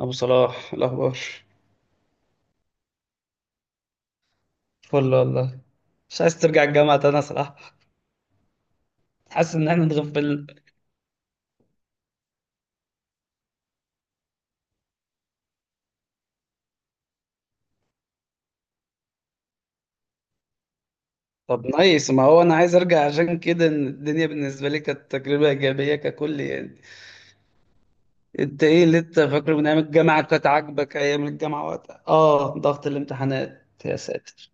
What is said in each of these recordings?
أبو صلاح الأخبار. فل والله. مش عايز ترجع الجامعة تاني يا صلاح. حاسس إن إحنا اتغفلنا. طب نايس، ما هو أنا عايز أرجع عشان كده، إن الدنيا بالنسبة لي كانت تجربة إيجابية ككل يعني. أنت إيه اللي أنت فاكره من أيام الجامعة، كانت عاجبك أيام الجامعة وقتها؟ آه ضغط الامتحانات يا ساتر.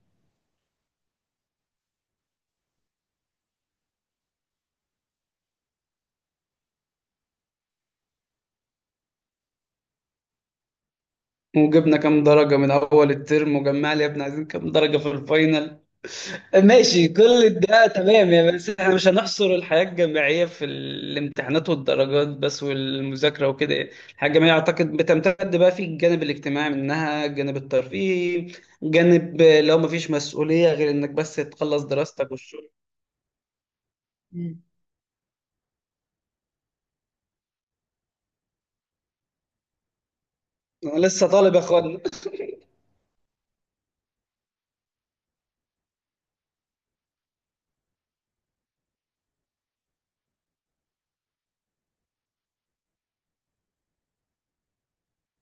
وجبنا كام درجة من أول الترم وجمع لي يا ابني، عايزين كام درجة في الفاينل. ماشي كل ده تمام يعني، بس احنا مش هنحصر الحياة الجامعية في الامتحانات والدرجات بس والمذاكرة وكده يعني. الحياة الجامعية أعتقد بتمتد بقى في الجانب الاجتماعي منها، الجانب الترفيهي، جانب لو مفيش مسؤولية غير إنك بس تخلص دراستك والشغل. مم. أنا لسه طالب يا أخوانا.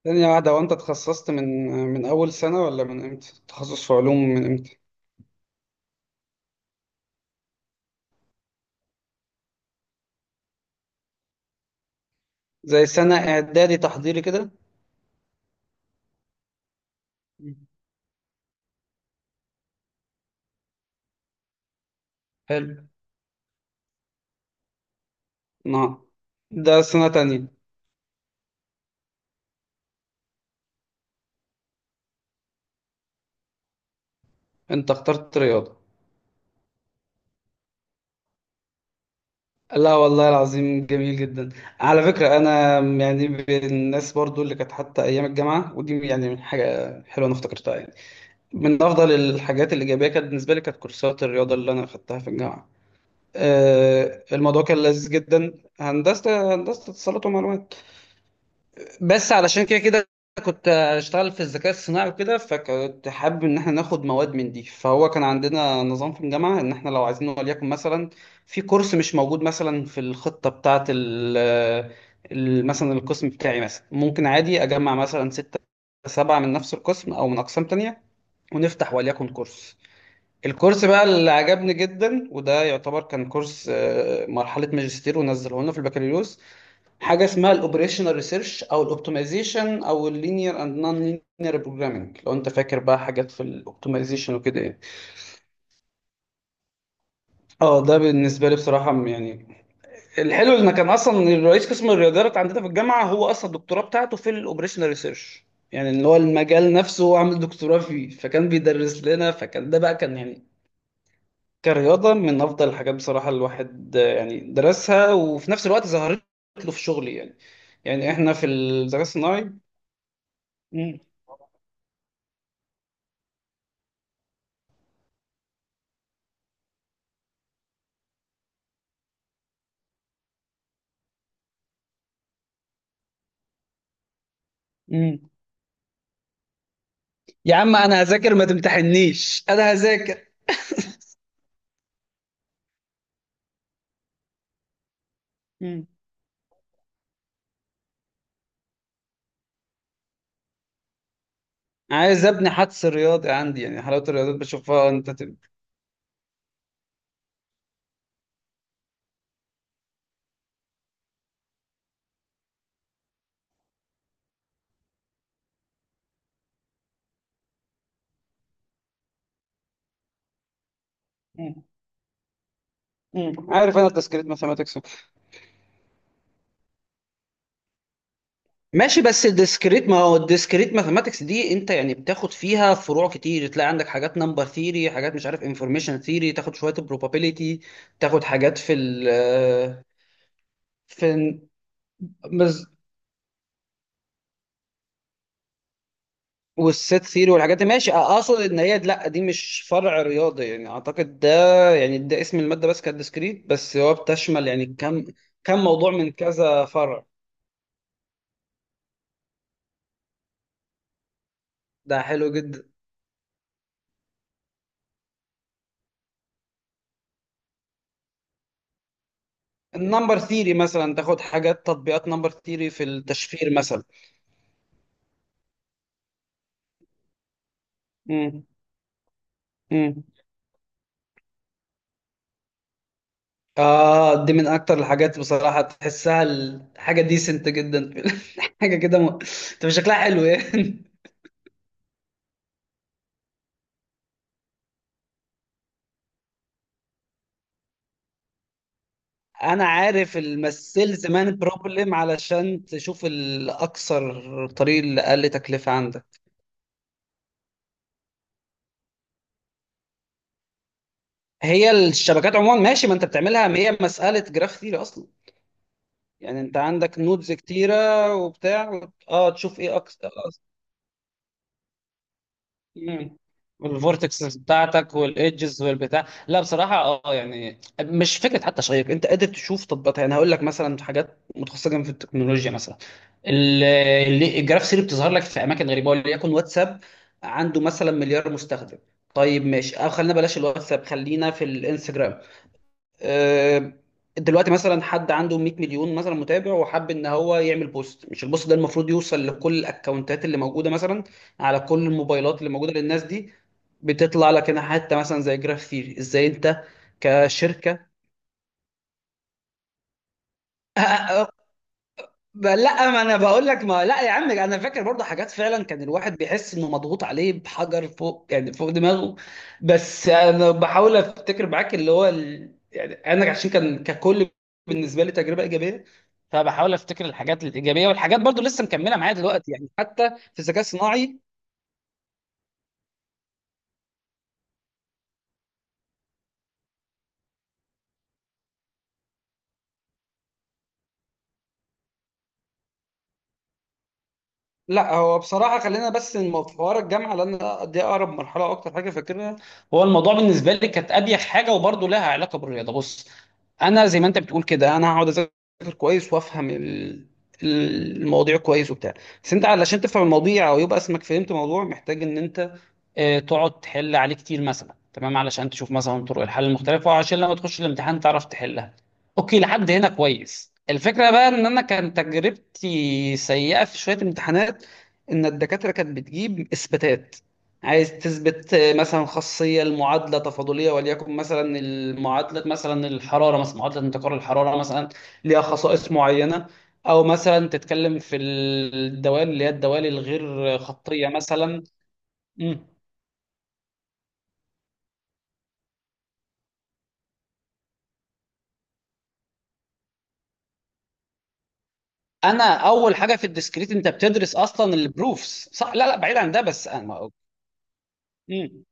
ثانية واحدة، وأنت اتخصصت من أول سنة ولا من إمتى؟ تخصص في علوم من إمتى؟ زي سنة إعدادي تحضيري كده. مم. حلو. نعم. ده سنة تانية. أنت اخترت رياضة. لا والله العظيم جميل جدا. على فكرة أنا يعني من الناس برضو اللي كانت حتى أيام الجامعة، ودي يعني من حاجة حلوة أنا افتكرتها يعني. من أفضل الحاجات الإيجابية كانت بالنسبة لي كانت كورسات الرياضة اللي أنا أخدتها في الجامعة. الموضوع كان لذيذ جدا. هندسة، هندسة اتصالات ومعلومات. بس علشان كده كده كنت اشتغل في الذكاء الصناعي وكده، فكنت حابب ان احنا ناخد مواد من دي. فهو كان عندنا نظام في الجامعه، ان احنا لو عايزين وليكن مثلا في كورس مش موجود مثلا في الخطه بتاعه مثلا القسم بتاعي مثلا ممكن عادي اجمع مثلا ستة سبعة من نفس القسم او من اقسام تانية، ونفتح وليكن كورس. الكورس بقى اللي عجبني جدا وده يعتبر كان كورس، مرحله ماجستير ونزله لنا في البكالوريوس. حاجه اسمها الاوبريشنال ريسيرش او الاوبتمايزيشن او اللينير اند نون لينير بروجرامنج، لو انت فاكر بقى حاجات في الاوبتمايزيشن وكده يعني. اه ده بالنسبه لي بصراحه يعني الحلو ان كان اصلا الرئيس قسم الرياضيات عندنا في الجامعه هو اصلا الدكتوراه بتاعته في الاوبريشنال ريسيرش. يعني اللي هو المجال نفسه هو عامل دكتوراه فيه، فكان بيدرس لنا، فكان ده بقى كان يعني كرياضه من افضل الحاجات بصراحه الواحد، يعني درسها وفي نفس الوقت ظهرت له في شغلي يعني. يعني احنا في الذكاء الصناعي. مم. مم. يا عم انا هذاكر ما تمتحنيش انا هذاكر. مم. عايز ابني حدس رياضي عندي يعني، حلاوه الرياضات بشوفها انت تب... مم. مم. عارف انا الديسكريت ماثematics. ماشي بس الديسكريت، ما هو الديسكريت ماثematics دي انت يعني بتاخد فيها فروع كتير، تلاقي عندك حاجات نمبر ثيري، حاجات مش عارف انفورميشن ثيري، تاخد شويه probability، تاخد حاجات في ال في والست ثيري والحاجات دي، ماشي اقصد ان هي لا دي مش فرع رياضي يعني اعتقد ده يعني ده اسم الماده بس كانت ديسكريت، بس هو بتشمل يعني كم، كم موضوع من كذا فرع. ده حلو جدا. النمبر ثيري مثلا تاخد حاجات تطبيقات نمبر ثيري في التشفير مثلا. امم. امم. اه دي من اكتر الحاجات بصراحه تحسها الحاجه ديسنت جدا في حاجه كده م... تبقى شكلها حلو يعني. انا عارف المسيلز مان بروبلم علشان تشوف الاكثر طريق اللي اقل تكلفه عندك. هي الشبكات عموما ماشي، ما انت بتعملها ما هي مساله جراف ثيري اصلا. يعني انت عندك نودز كتيره وبتاع اه تشوف ايه اكثر. مم. الفورتكسز بتاعتك والايدجز والبتاع، لا بصراحه اه يعني مش فكره حتى شيق، انت قادر تشوف تطبيقات يعني. هقول لك مثلا حاجات متخصصه جدا في التكنولوجيا مثلا، ال- الجراف سيري بتظهر لك في اماكن غريبه، وليكن واتساب عنده مثلا مليار مستخدم. طيب ماشي، او خلينا بلاش الواتساب، خلينا في الانستجرام. آه، دلوقتي مثلا حد عنده 100 مليون مثلا متابع، وحب ان هو يعمل بوست. مش البوست ده المفروض يوصل لكل الاكونتات اللي موجوده مثلا، على كل الموبايلات اللي موجوده للناس دي. بتطلع لك هنا حته مثلا زي جراف ثيري، ازاي انت كشركه. لا ما انا بقول لك ما لا يا عم انا فاكر برضه حاجات، فعلا كان الواحد بيحس انه مضغوط عليه بحجر فوق يعني فوق دماغه. بس انا بحاول افتكر معاك اللي هو ال... يعني انا عشان كان ككل بالنسبه لي تجربه ايجابيه، فبحاول افتكر الحاجات الايجابيه والحاجات برضه لسه مكمله معايا دلوقتي يعني حتى في الذكاء الصناعي. لا هو بصراحة خلينا بس في حوار الجامعة، لأن دي أقرب مرحلة أكتر حاجة فاكرها. هو الموضوع بالنسبة لي كانت أريح حاجة، وبرضه لها علاقة بالرياضة. بص أنا زي ما أنت بتقول كده، أنا هقعد أذاكر كويس وأفهم المواضيع كويس وبتاع. بس أنت علشان تفهم المواضيع أو يبقى اسمك فهمت موضوع، محتاج إن أنت، تقعد تحل عليه كتير مثلا، تمام، علشان تشوف مثلا طرق الحل المختلفه، وعشان لما تخش الامتحان تعرف تحلها. اوكي لحد هنا كويس. الفكره بقى ان انا كان تجربتي سيئه في شويه امتحانات، ان الدكاتره كانت بتجيب اثباتات. عايز تثبت، مثلا خاصيه المعادله تفاضليه، وليكن مثلا المعادله مثلا الحراره، مثلا معادله انتقال الحراره مثلا ليها خصائص معينه. او مثلا تتكلم في الدوال اللي هي الدوال الغير خطيه مثلا. انا اول حاجه في الديسكريت انت بتدرس اصلا البروفس صح، لا لا بعيد عن ده بس انا. امم.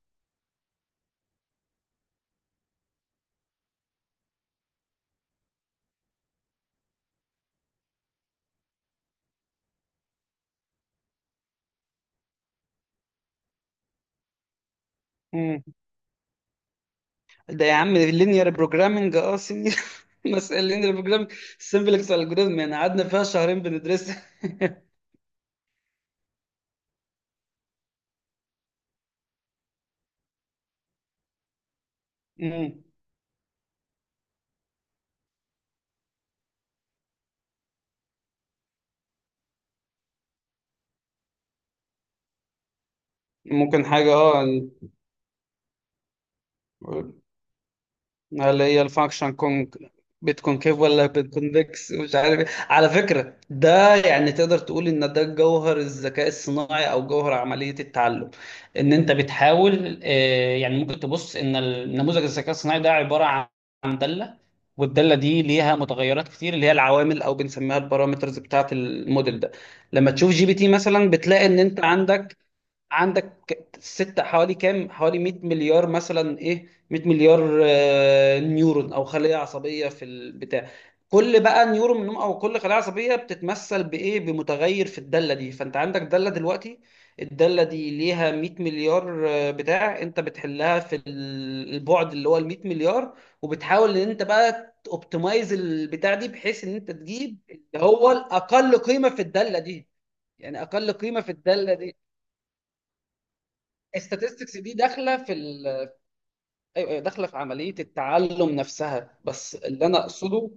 امم. ده يا عم اللينير بروجرامنج اه سينيور. مسألة اللينير بروجرامنج سمبلكس الجوريزم يعني قعدنا فيها شهرين بندرسها. مم. ممكن حاجه اه اللي هي الفانكشن كون، بتكونكيف ولا بتكونفكس مش عارف إيه. على فكرة ده يعني تقدر تقول ان ده جوهر الذكاء الصناعي او جوهر عملية التعلم، ان انت بتحاول، يعني ممكن تبص ان النموذج الذكاء الصناعي ده عبارة عن دالة، والدالة دي ليها متغيرات كتير اللي هي العوامل او بنسميها البارامترز بتاعة الموديل ده. لما تشوف جي بي تي مثلا بتلاقي ان انت عندك ست حوالي كام حوالي 100 مليار مثلا، ايه 100 مليار، نيورون او خلية عصبية في البتاع. كل بقى نيورون منهم او كل خلية عصبية بتتمثل بايه، بمتغير في الدالة دي. فانت عندك دالة دلوقتي، الدالة دي ليها 100 مليار، بتاع انت بتحلها في البعد اللي هو ال 100 مليار. وبتحاول ان انت بقى اوبتمايز البتاع دي، بحيث ان انت تجيب اللي هو الاقل قيمة في الدالة دي، يعني اقل قيمة في الدالة دي. statistics دي داخله في ال... أيوة، أيوة، داخله في عمليه التعلم نفسها، بس اللي انا اقصده،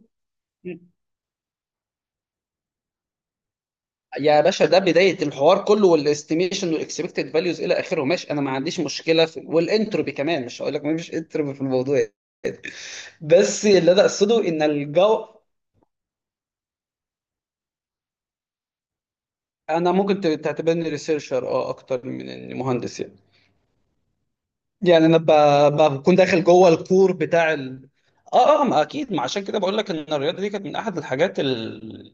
يا باشا ده بدايه الحوار كله، والاستيميشن والاكسبكتد فاليوز الى اخره ماشي، انا ما عنديش مشكله في، والانتروبي كمان مش هقول لك ما فيش انتروبي في الموضوع. بس اللي انا اقصده ان الجو. انا ممكن تعتبرني ريسيرشر اه اكتر من إني مهندس يعني. يعني انا بكون داخل جوه الكور بتاع ال... اه اه ما اكيد، ما عشان كده بقول لك ان الرياضه دي كانت من احد الحاجات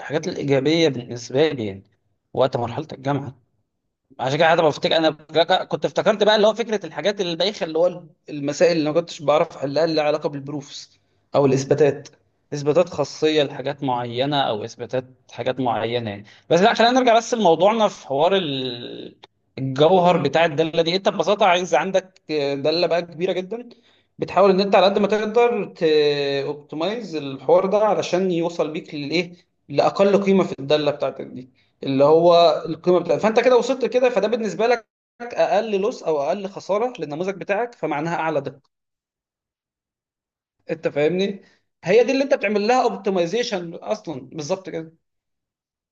الحاجات الإيجابية بالنسبة لي يعني، وقت مرحلة الجامعة. عشان كده حتى بفتكر انا كنت افتكرت بقى اللي هو فكره الحاجات البايخه، اللي هو المسائل اللي ما كنتش بعرف احلها اللي لها علاقه بالبروفس، او الاثباتات، اثباتات خاصيه لحاجات معينه او اثباتات حاجات معينه يعني. بس لا خلينا نرجع بس لموضوعنا في حوار الجوهر بتاع الداله دي. انت ببساطه عايز عندك داله بقى كبيره جدا، بتحاول ان انت على قد ما تقدر اوبتمايز الحوار ده علشان يوصل بيك للايه، لاقل قيمه في الداله بتاعتك دي اللي هو القيمه بتاعتك، فانت كده وصلت كده، فده بالنسبه لك اقل لوس او اقل خساره للنموذج بتاعك فمعناها اعلى دقه. انت فاهمني. هي دي اللي انت بتعمل لها اوبتمايزيشن اصلا، بالظبط كده.